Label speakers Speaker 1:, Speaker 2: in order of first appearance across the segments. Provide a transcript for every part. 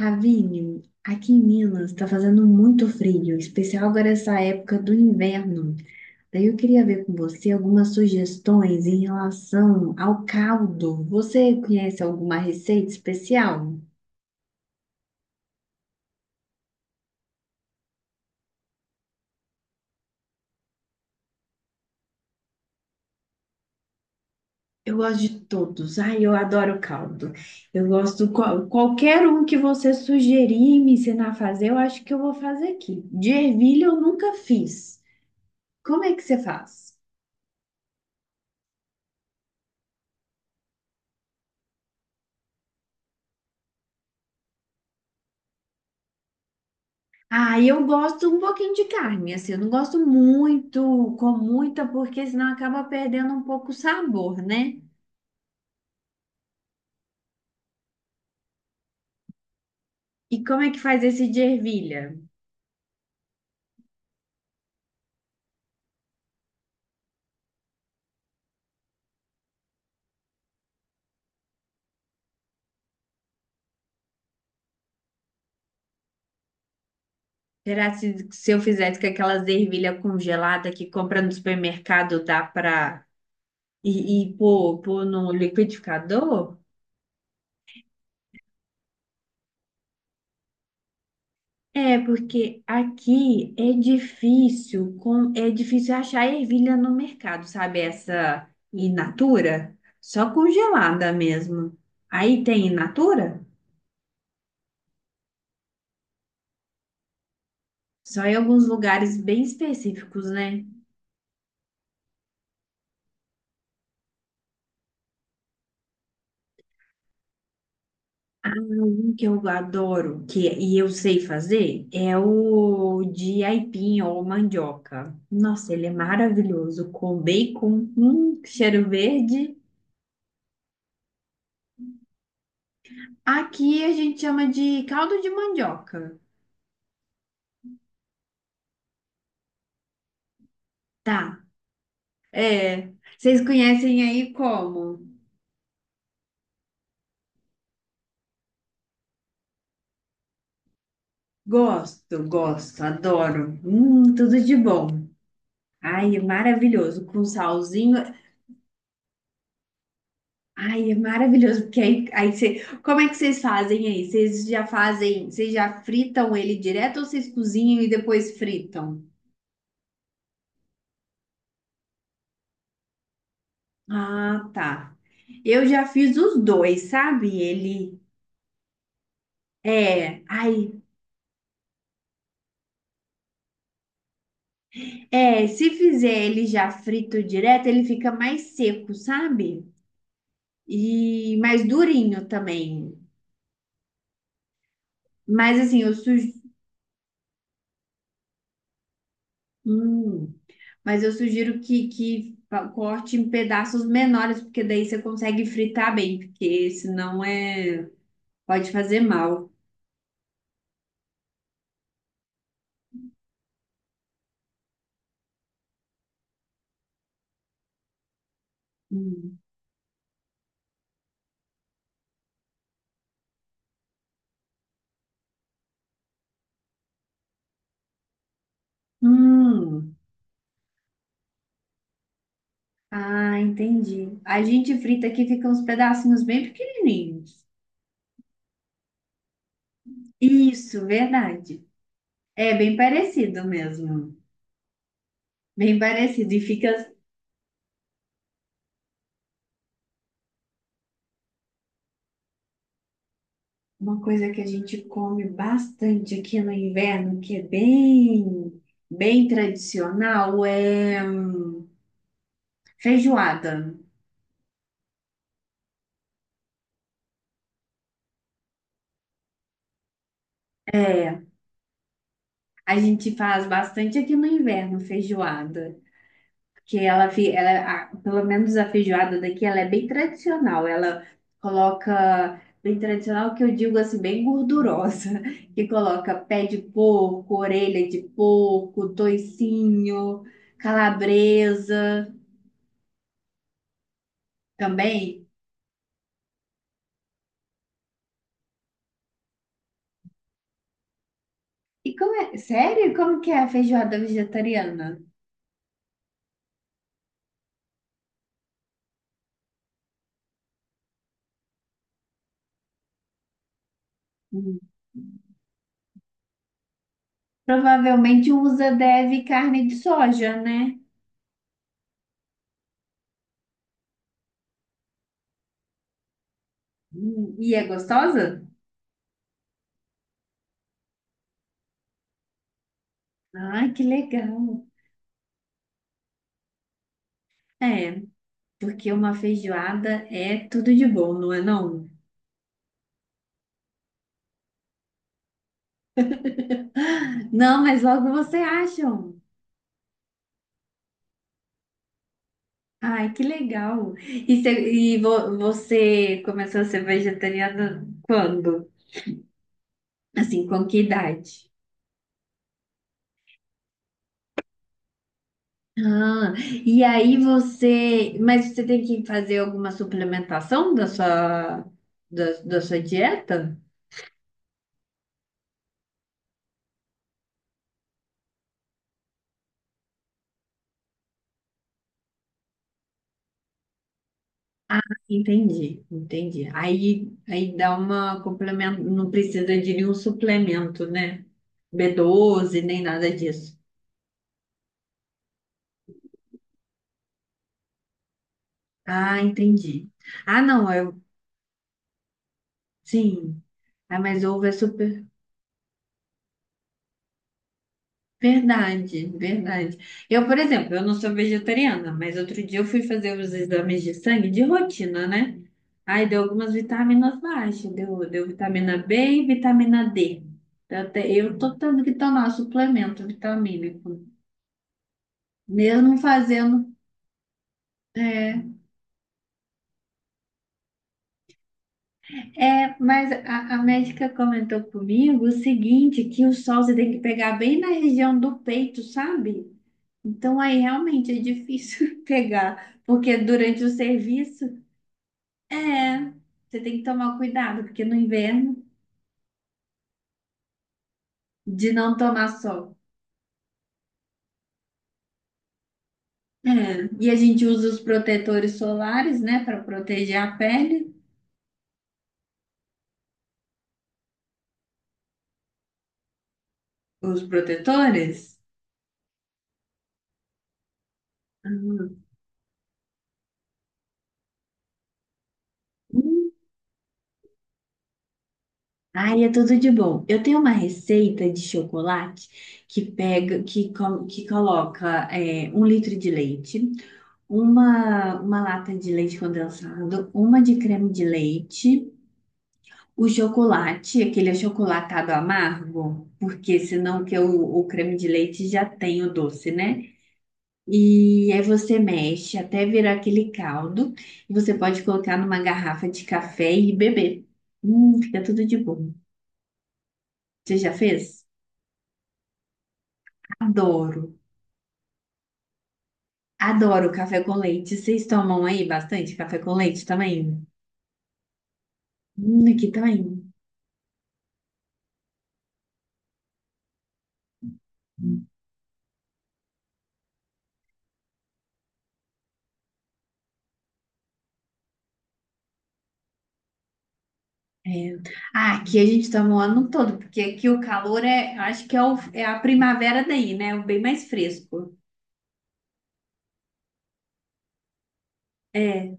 Speaker 1: Ravine, aqui em Minas está fazendo muito frio, em especial agora essa época do inverno. Daí eu queria ver com você algumas sugestões em relação ao caldo. Você conhece alguma receita especial? Eu gosto de todos. Ai, eu adoro caldo. Eu gosto qualquer um que você sugerir e me ensinar a fazer, eu acho que eu vou fazer aqui. De ervilha eu nunca fiz. Como é que você faz? Ah, eu gosto um pouquinho de carne, assim, eu não gosto muito, com muita, porque senão acaba perdendo um pouco o sabor, né? E como é que faz esse de ervilha? Será que se eu fizesse com aquelas ervilha congelada que compra no supermercado, dá pra e pôr no liquidificador? É, porque aqui é difícil, com, é difícil achar ervilha no mercado, sabe? Essa in natura, só congelada mesmo. Aí tem in natura? Só em alguns lugares bem específicos, né? Um que eu adoro, que é, e eu sei fazer, é o de aipim ou mandioca. Nossa, ele é maravilhoso, com bacon, cheiro verde. Aqui a gente chama de caldo de mandioca. Tá, é, vocês conhecem aí como? Gosto, gosto, adoro. Tudo de bom. Ai, é maravilhoso, com salzinho. Ai, é maravilhoso, porque aí, aí você, como é que vocês fazem aí? Vocês já fazem, vocês já fritam ele direto ou vocês cozinham e depois fritam? Ah, tá. Eu já fiz os dois, sabe? Ele é, ai, é, se fizer ele já frito direto, ele fica mais seco, sabe? E mais durinho também. Mas assim, eu sugiro, mas eu sugiro que, corte em pedaços menores, porque daí você consegue fritar bem, porque senão é pode fazer mal. Hum. Hum. Ah, entendi. A gente frita aqui fica uns pedacinhos bem pequenininhos. Isso, verdade. É bem parecido mesmo. Bem parecido. E fica uma coisa que a gente come bastante aqui no inverno, que é bem, bem tradicional, é feijoada. É, a gente faz bastante aqui no inverno, feijoada. Que ela, ela, pelo menos a feijoada daqui, ela é bem tradicional. Ela coloca, bem tradicional que eu digo assim, bem gordurosa. Que coloca pé de porco, orelha de porco, toicinho, calabresa também. E como é? Sério? Como que é a feijoada vegetariana? Hum, Provavelmente usa, deve, carne de soja, né? hum. E é gostosa? Ai, que legal. É, porque uma feijoada é tudo de bom, não é não? Não, mas logo você acham. Ai, que legal. E, e você começou a ser vegetariana quando? Assim, com que idade? Ah, e aí você, mas você tem que fazer alguma suplementação da sua, da sua dieta? Ah, entendi, entendi. Aí, aí dá uma complemento, não precisa de nenhum suplemento, né? B12 nem nada disso. Ah, entendi. Ah, não, eu, sim. Ah, mas ovo é super. Verdade, verdade. Eu, por exemplo, eu não sou vegetariana, mas outro dia eu fui fazer os exames de sangue de rotina, né? Aí deu algumas vitaminas baixas, deu, deu vitamina B e vitamina D. Eu, até, eu tô tendo que tomar suplemento vitamínico, mesmo fazendo. É, é, mas a médica comentou comigo o seguinte, que o sol você tem que pegar bem na região do peito, sabe? Então aí realmente é difícil pegar, porque durante o serviço, é, você tem que tomar cuidado, porque no inverno, de não tomar sol. É, e a gente usa os protetores solares, né, para proteger a pele, os protetores. Uhum. Ai, é tudo de bom. Eu tenho uma receita de chocolate que pega, que, que coloca é, um litro de leite, uma lata de leite condensado, uma de creme de leite, o chocolate, aquele achocolatado amargo, porque senão que o creme de leite já tem o doce, né? E aí você mexe até virar aquele caldo e você pode colocar numa garrafa de café e beber. Fica tudo de bom. Você já fez? Adoro. Adoro café com leite. Vocês tomam aí bastante café com leite também? Aqui também. É. Ah, aqui a gente toma o ano todo, porque aqui o calor é, eu acho que é, o- é a primavera daí, né? É o bem mais fresco. É,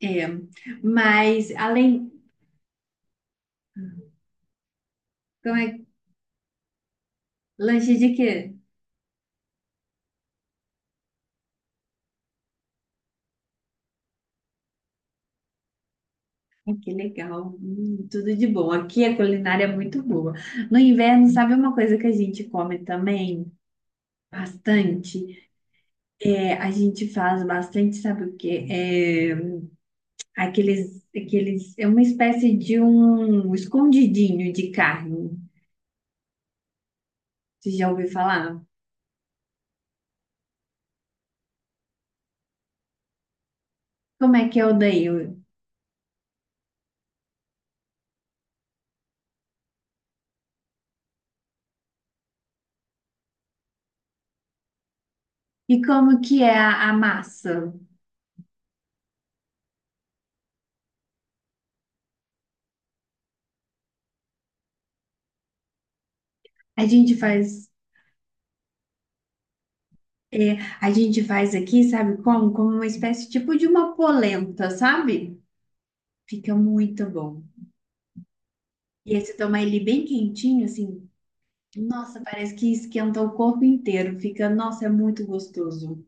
Speaker 1: é. Mas além, como é, lanche de quê? Ah, que legal. Tudo de bom. Aqui a culinária é muito boa. No inverno, sabe uma coisa que a gente come também? Bastante. É, a gente faz bastante, sabe o quê? É, aqueles, é uma espécie de um escondidinho de carne. Você já ouviu falar? Como é que é o daí? E como que é a massa? A gente faz, a gente faz aqui, sabe como? Como uma espécie tipo de uma polenta, sabe? Fica muito bom. E aí você toma ele bem quentinho, assim, nossa, parece que esquenta o corpo inteiro. Fica, nossa, é muito gostoso.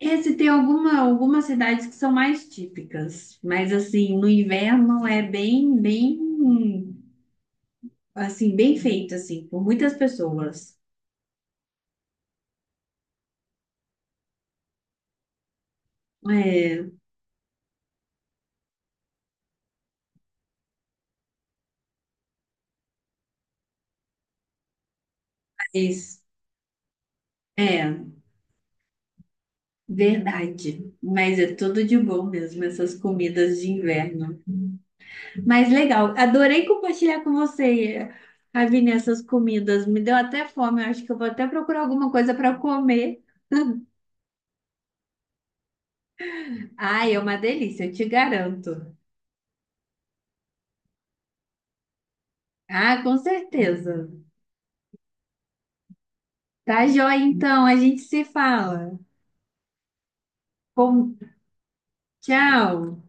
Speaker 1: É, se tem alguma, algumas cidades que são mais típicas, mas assim, no inverno é bem, bem, assim, bem feito, assim, por muitas pessoas. É, mas, é, verdade. Mas é tudo de bom mesmo, essas comidas de inverno. Mas legal, adorei compartilhar com você, Ravine, essas comidas. Me deu até fome, eu acho que eu vou até procurar alguma coisa para comer. Ai, é uma delícia, eu te garanto. Ah, com certeza. Tá joia, então, a gente se fala. Bom, tchau.